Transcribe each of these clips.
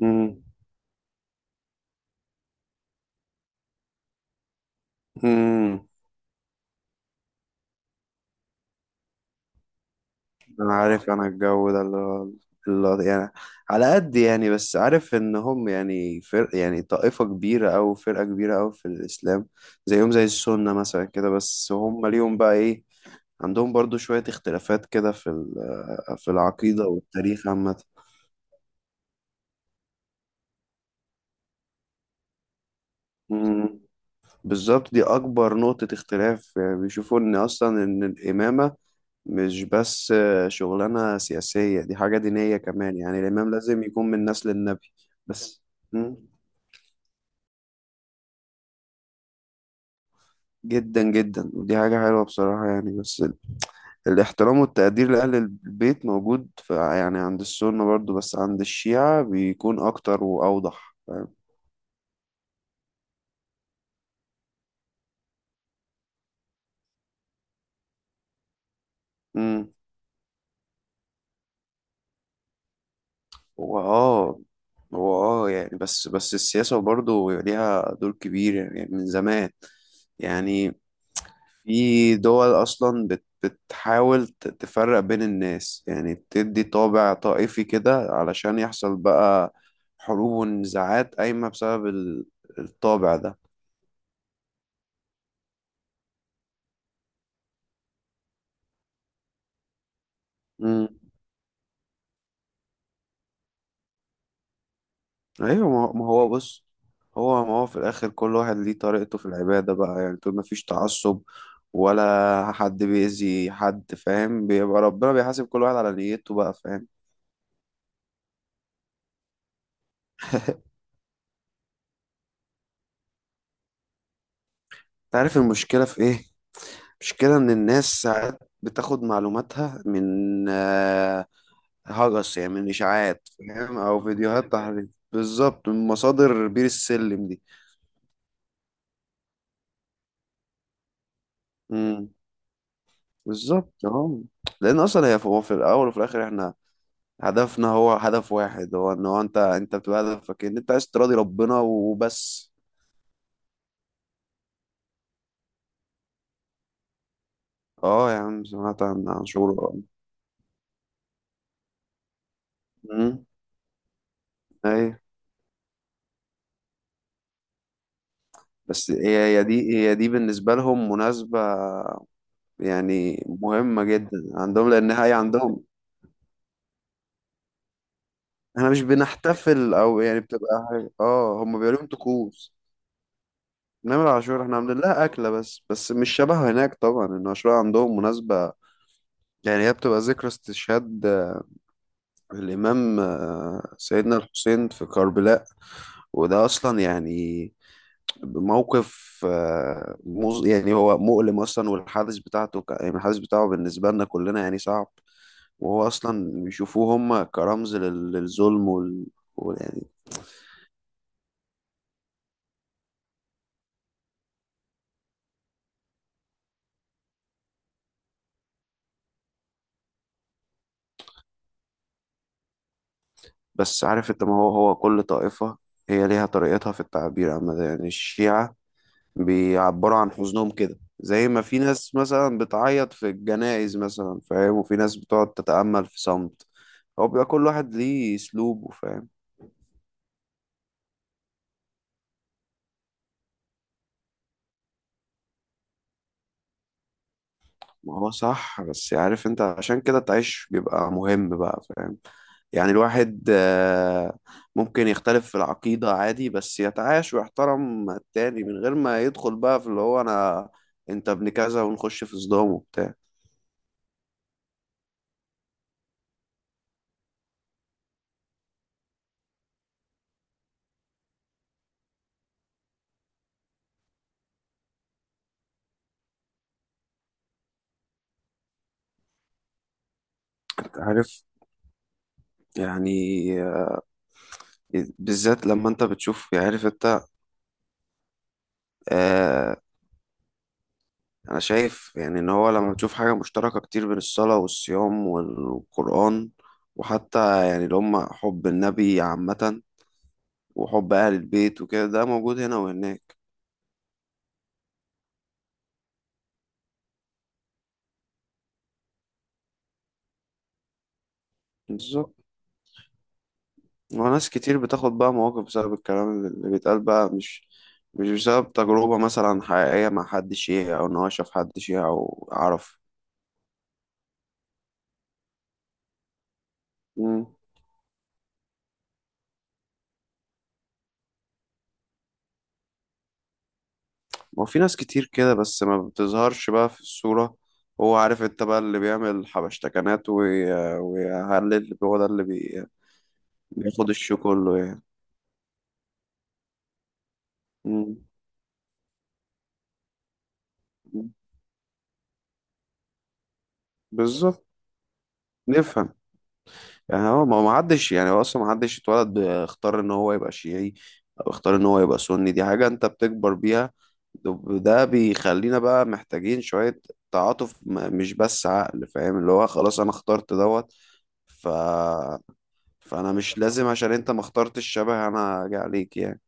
امم امم انا عارف الجو ده اللي يعني على قد يعني، بس عارف ان هم يعني فرق، يعني طائفة كبيرة او فرقة كبيرة او في الاسلام، زيهم زي السنة مثلا كده. بس هم ليهم بقى ايه؟ عندهم برضو شوية اختلافات كده في في العقيدة والتاريخ عامة. بالظبط، دي أكبر نقطة اختلاف، يعني بيشوفوا إن أصلا إن الإمامة مش بس شغلانة سياسية، دي حاجة دينية كمان، يعني الإمام لازم يكون من نسل النبي. بس. مم. جدا جدا، ودي حاجة حلوة بصراحة يعني، بس الاحترام والتقدير لأهل البيت موجود، يعني عند السنة برضو، بس عند الشيعة بيكون أكتر وأوضح فاهم. مم. هو اه هو اه يعني، بس السياسة برضه ليها دور كبير يعني من زمان، يعني في دول أصلا بتحاول تفرق بين الناس، يعني بتدي طابع طائفي كده علشان يحصل بقى حروب ونزاعات قايمة بسبب الطابع ده. مم. أيوة، ما هو بص، هو ما هو في الآخر كل واحد ليه طريقته في العبادة بقى، يعني طول ما فيش تعصب ولا حد بيأذي حد فاهم، بيبقى ربنا بيحاسب كل واحد على نيته بقى فاهم. تعرف المشكلة في إيه؟ المشكلة إن الناس ساعات بتاخد معلوماتها من آه، هجس، يعني من اشاعات فاهم، او فيديوهات تحريض، بالظبط، من مصادر بير السلم دي. امم بالظبط. اه لان اصلا، هو في الاول وفي الاخر احنا هدفنا هو هدف واحد، هو ان هو انت بتبقى هدفك ان انت عايز تراضي ربنا وبس. اه يا عم، سمعت عن شغل. امم ايوه، بس هي دي بالنسبه لهم مناسبه، يعني مهمه جدا عندهم لان هي عندهم. احنا مش بنحتفل، او يعني بتبقى هم بيبقى لهم طقوس. نمر عاشور احنا عاملين لها أكلة، بس مش شبهه هناك طبعا، إن عاشور عندهم مناسبة، يعني هي بتبقى ذكرى استشهاد الإمام، سيدنا الحسين في كربلاء. وده أصلا يعني موقف، يعني هو مؤلم أصلا، والحادث بتاعته يعني الحادث بتاعه بالنسبة لنا كلنا يعني صعب. وهو أصلا بيشوفوه هم كرمز للظلم، يعني. بس عارف أنت، ما هو كل طائفة هي ليها طريقتها في التعبير، عن يعني الشيعة بيعبروا عن حزنهم كده زي ما في ناس مثلا بتعيط في الجنائز مثلا فاهم، وفي ناس بتقعد تتأمل في صمت. هو بيبقى كل واحد ليه أسلوبه فاهم. ما هو صح، بس عارف أنت، عشان كده تعيش بيبقى مهم بقى فاهم. يعني الواحد ممكن يختلف في العقيدة عادي، بس يتعايش ويحترم التاني من غير ما يدخل بقى في اللي هو أنا أنت ابن كذا، ونخش في صدام وبتاع. أنت عارف، يعني آه، بالذات لما أنت بتشوف، يعني عارف، آه، أنا شايف يعني إن هو لما بتشوف حاجة مشتركة كتير بين الصلاة والصيام والقرآن، وحتى يعني اللي هم حب النبي عامة، وحب أهل البيت وكده، ده موجود هنا وهناك. بالظبط. وناس كتير بتاخد بقى مواقف بسبب الكلام اللي بيتقال بقى، مش بسبب تجربة مثلا حقيقية مع حد شيعي، أو إن هو شاف حد شيعي أو عرف. مم. ما في ناس كتير كده، بس ما بتظهرش بقى في الصورة. هو عارف انت بقى اللي بيعمل حبشتكنات ويهلل، هو ده اللي بياخد الشو كله يعني. مم. بالظبط. نفهم. يعني هو، ما حدش، يعني هو اصلا ما حدش اتولد اختار ان هو يبقى شيعي، او اختار ان هو يبقى سني، دي حاجة انت بتكبر بيها. ده بيخلينا بقى محتاجين شوية تعاطف، مش بس عقل فاهم، اللي هو خلاص انا اخترت دوت. ف فانا مش لازم، عشان انت ما اخترتش شبه انا، اجي عليك يعني.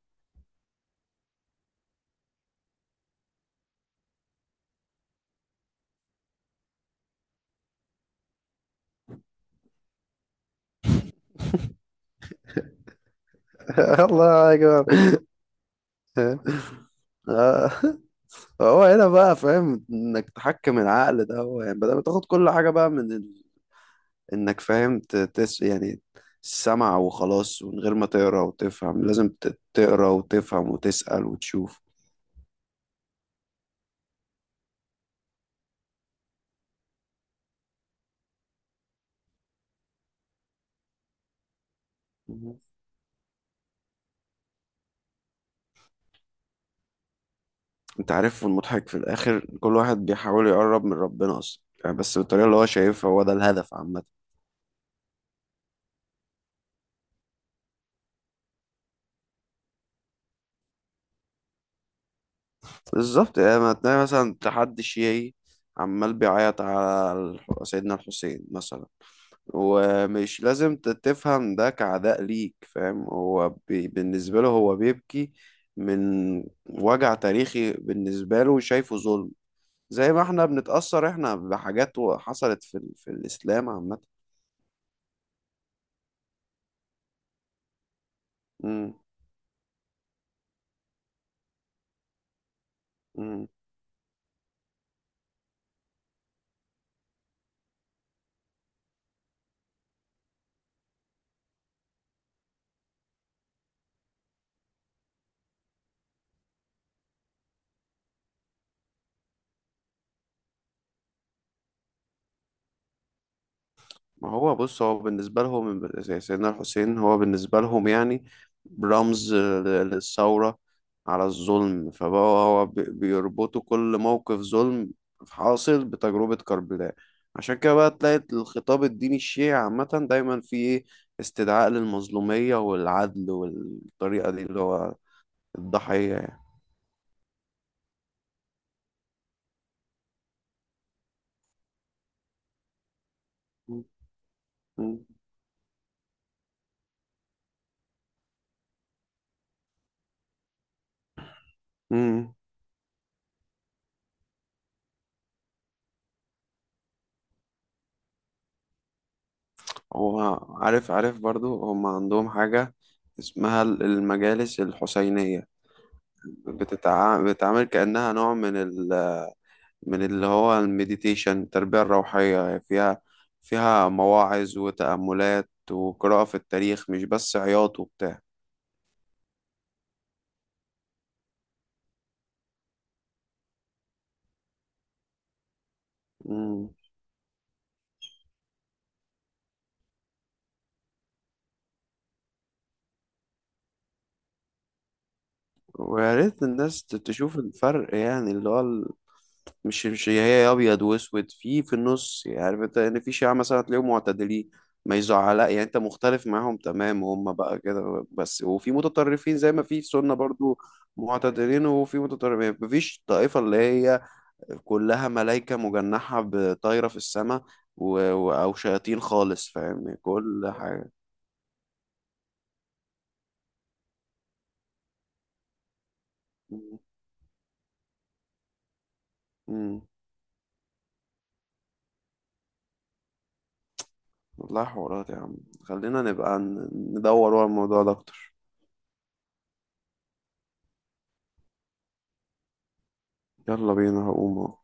الله اكبر. آه، هو هنا بقى فاهم، انك تحكم العقل ده هو، يعني بدل ما تاخد كل حاجة بقى انك فاهم، ت- تس يعني السمع وخلاص من غير ما تقرا وتفهم، لازم تقرا وتفهم وتسأل وتشوف. مهم. انت عارف المضحك في الاخر، كل واحد بيحاول يقرب من ربنا اصلا يعني، بس بالطريقة اللي هو شايفها، هو ده الهدف عامة. بالظبط، يعني ما تلاقي مثلا تحدي شيعي عمال بيعيط على سيدنا الحسين مثلا، ومش لازم تفهم ده كعداء ليك فاهم، هو بالنسبة له هو بيبكي من وجع تاريخي، بالنسبة له شايفه ظلم، زي ما احنا بنتأثر احنا بحاجات حصلت في الإسلام عامة. مم. مم. ما هو بص، هو بالنسبة لهم زي سيدنا الحسين، هو بالنسبة لهم يعني رمز للثورة على الظلم، فبقى هو بيربطوا كل موقف ظلم حاصل بتجربة كربلاء. عشان كده بقى تلاقي الخطاب الديني الشيعي عامة دايما فيه استدعاء للمظلومية والعدل، والطريقة دي اللي هو الضحية يعني. مم. مم. هو عارف برضو، هم عندهم حاجة اسمها المجالس الحسينية، بتتعامل كأنها نوع من اللي هو المديتيشن، التربية الروحية يعني، فيها مواعظ وتأملات وقراءة في التاريخ، مش بس عياط وبتاع. مم. ويا ريت الناس تشوف الفرق، يعني اللي هو مش هي أبيض وأسود في النص يعني، عارف أنت إن في شيعة مثلا تلاقيهم معتدلين، ما يزعل يعني أنت مختلف معاهم تمام وهم بقى كده بس، وفي متطرفين زي ما في سنة برضو، معتدلين وفي متطرفين. مفيش طائفة اللي هي كلها ملايكة مجنحة بطايرة في السماء، أو شياطين خالص فاهم كل حاجة. مم. مم. والله حوارات يا عم، خلينا نبقى ندور ورا الموضوع ده أكتر. يلا بينا، هقوم أهو.